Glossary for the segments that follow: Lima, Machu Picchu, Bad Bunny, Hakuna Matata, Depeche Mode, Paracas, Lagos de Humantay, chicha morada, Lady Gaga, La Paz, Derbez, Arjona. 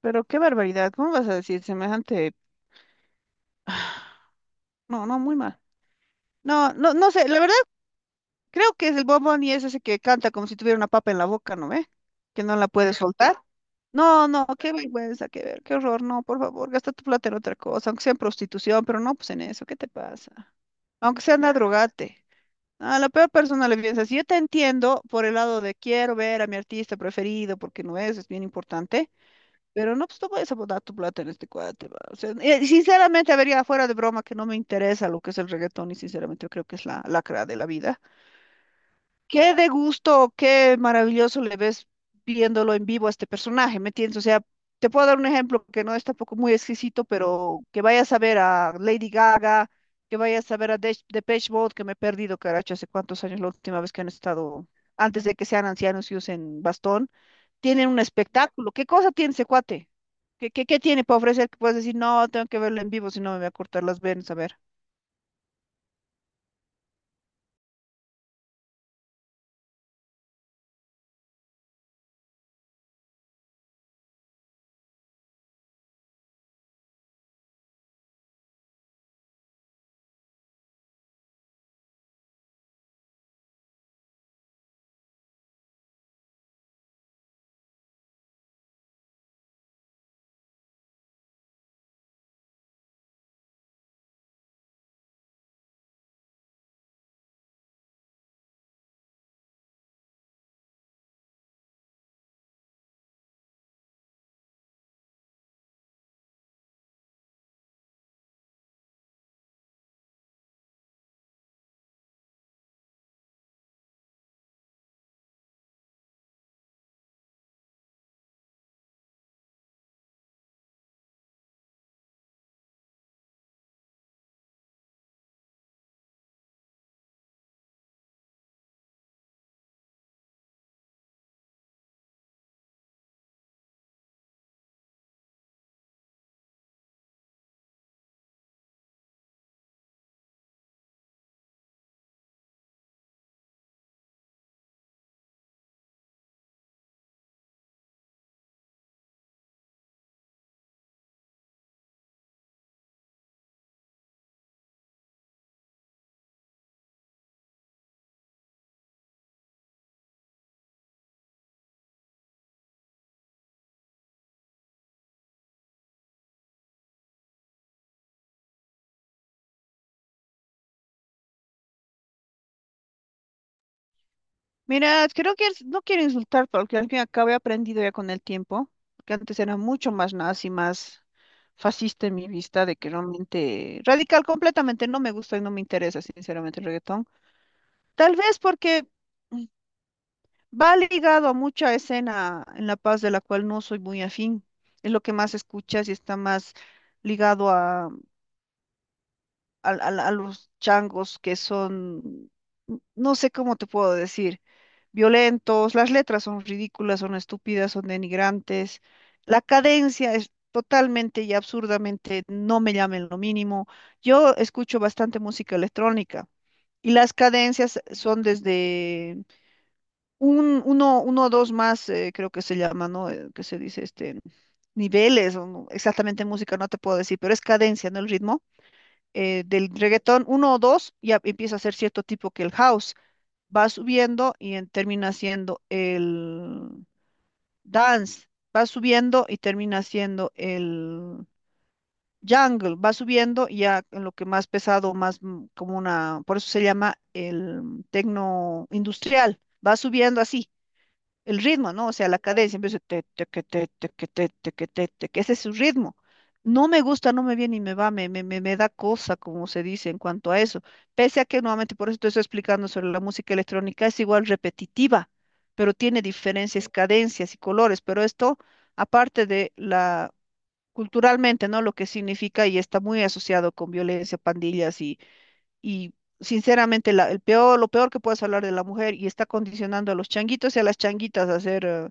Pero qué barbaridad, ¿cómo vas a decir semejante? No, no, muy mal. No, no, no sé, la verdad creo que es el bombón y es ese que canta como si tuviera una papa en la boca, ¿no ve? Que no la puede soltar. No, no, qué vergüenza, qué ver, qué horror, no, por favor, gasta tu plata en otra cosa, aunque sea en prostitución, pero no, pues en eso, ¿qué te pasa? Aunque sea anda a drogarte. A la peor persona le piensas, yo te entiendo por el lado de quiero ver a mi artista preferido, porque no es, es bien importante. Pero no, pues no vayas a botar tu plata en este cuate, va. O sea, sinceramente, a ver, ya fuera de broma, que no me interesa lo que es el reggaetón y sinceramente yo creo que es la lacra de la vida. Qué de gusto, qué maravilloso le ves viéndolo en vivo a este personaje, ¿me entiendes? O sea, te puedo dar un ejemplo que no es tampoco muy exquisito, pero que vayas a ver a Lady Gaga, que vayas a ver a Depeche Mode, que me he perdido, caracho, hace cuántos años la última vez que han estado, antes de que sean ancianos y usen bastón, tienen un espectáculo. ¿Qué cosa tiene ese cuate? ¿Qué tiene para ofrecer que puedes decir, no, tengo que verlo en vivo, si no me voy a cortar las venas, a ver. Mira, creo que no quiero insultar, porque al fin y al cabo he aprendido ya con el tiempo, que antes era mucho más nazi, más fascista en mi vista, de que realmente radical completamente no me gusta y no me interesa, sinceramente, el reggaetón. Tal vez porque mm, va ligado a mucha escena en La Paz de la cual no soy muy afín. Es lo que más escuchas y está más ligado a, a los changos que son, no sé cómo te puedo decir. Violentos, las letras son ridículas, son estúpidas, son denigrantes, la cadencia es totalmente y absurdamente no me llamen lo mínimo. Yo escucho bastante música electrónica y las cadencias son desde uno o dos más, creo que se llama, ¿no? Que se dice este niveles, o exactamente en música no te puedo decir, pero es cadencia, ¿no? El ritmo. Del reggaetón, uno o dos, ya empieza a ser cierto tipo que el house va subiendo y termina siendo el dance, va subiendo y termina siendo el jungle, va subiendo y ya en lo que más pesado, más como una, por eso se llama el tecno industrial, va subiendo así el ritmo, ¿no? O sea, la cadencia empieza te, te, que, te, que, te, que, te, que, ese es su ritmo. No me gusta, no me viene y me va, me da cosa, como se dice en cuanto a eso. Pese a que nuevamente, por eso te estoy explicando sobre la música electrónica, es igual repetitiva, pero tiene diferencias, cadencias y colores, pero esto, aparte de la culturalmente, ¿no? Lo que significa y está muy asociado con violencia, pandillas y sinceramente, el peor, lo peor que puedes hablar de la mujer y está condicionando a los changuitos y a las changuitas a hacer,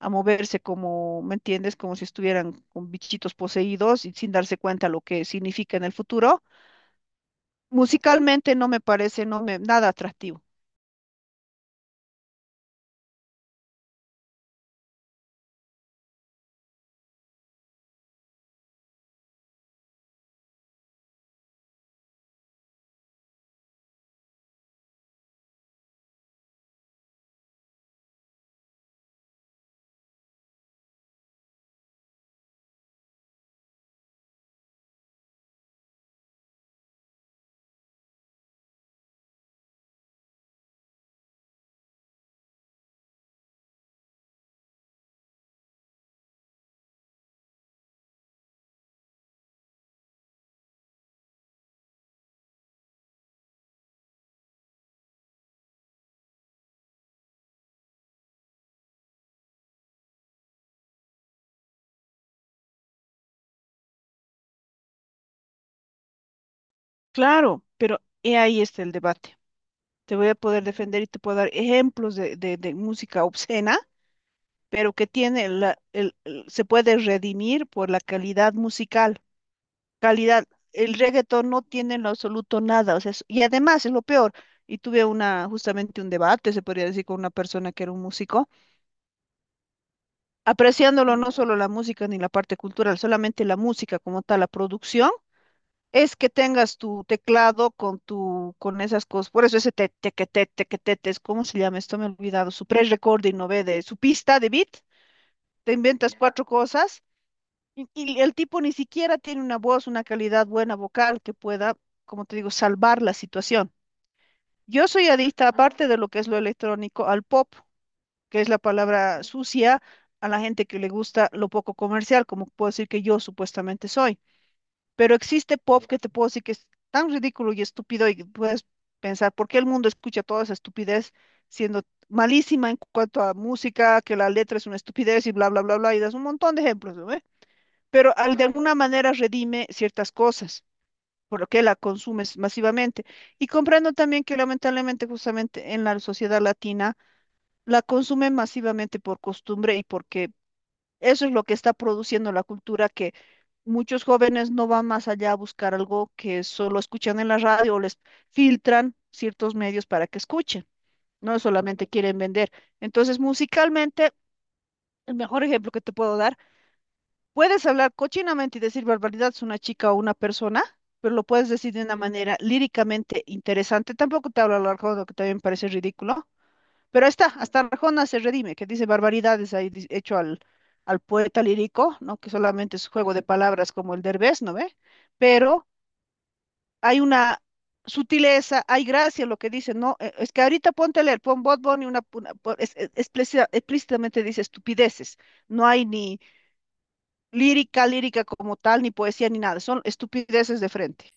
a moverse como, ¿me entiendes? Como si estuvieran con bichitos poseídos y sin darse cuenta lo que significa en el futuro. Musicalmente no me parece, no me, nada atractivo. Claro, pero he ahí está el debate. Te voy a poder defender y te puedo dar ejemplos de, de música obscena, pero que tiene se puede redimir por la calidad musical. Calidad. El reggaetón no tiene en lo absoluto nada, o sea, y además es lo peor. Y tuve una, justamente un debate, se podría decir, con una persona que era un músico, apreciándolo no solo la música ni la parte cultural, solamente la música como tal, la producción, es que tengas tu teclado con tu, con esas cosas, por eso ese te, tequete, tequetete, ¿cómo se llama esto? Me he olvidado, su pre-recording, ¿no ve? De su pista de beat, te inventas cuatro cosas. Y el tipo ni siquiera tiene una voz, una calidad buena vocal que pueda, como te digo, salvar la situación. Yo soy adicta, aparte de lo que es lo electrónico, al pop, que es la palabra sucia a la gente que le gusta lo poco comercial, como puedo decir que yo supuestamente soy. Pero existe pop que te puedo decir que es tan ridículo y estúpido y puedes pensar, ¿por qué el mundo escucha toda esa estupidez siendo malísima en cuanto a música, que la letra es una estupidez y bla, bla, bla, bla? Y das un montón de ejemplos, ¿no? Pero al de alguna manera redime ciertas cosas, por lo que la consumes masivamente. Y comprendo también que lamentablemente justamente en la sociedad latina la consumen masivamente por costumbre y porque eso es lo que está produciendo la cultura, que muchos jóvenes no van más allá a buscar algo que solo escuchan en la radio o les filtran ciertos medios para que escuchen, no solamente quieren vender. Entonces, musicalmente, el mejor ejemplo que te puedo dar. Puedes hablar cochinamente y decir barbaridades a una chica o una persona, pero lo puedes decir de una manera líricamente interesante. Tampoco te hablo a lo Arjona, que también parece ridículo, pero ahí está, hasta Arjona se redime, que dice barbaridades ahí hecho al, al poeta lírico, ¿no? Que solamente es juego de palabras como el Derbez, ¿no ve? Pero hay una sutileza, hay gracia en lo que dice, ¿no? Es que ahorita ponte a leer, pon Bad Bunny una, explícitamente dice estupideces, no hay ni lírica, lírica como tal, ni poesía, ni nada. Son estupideces de frente.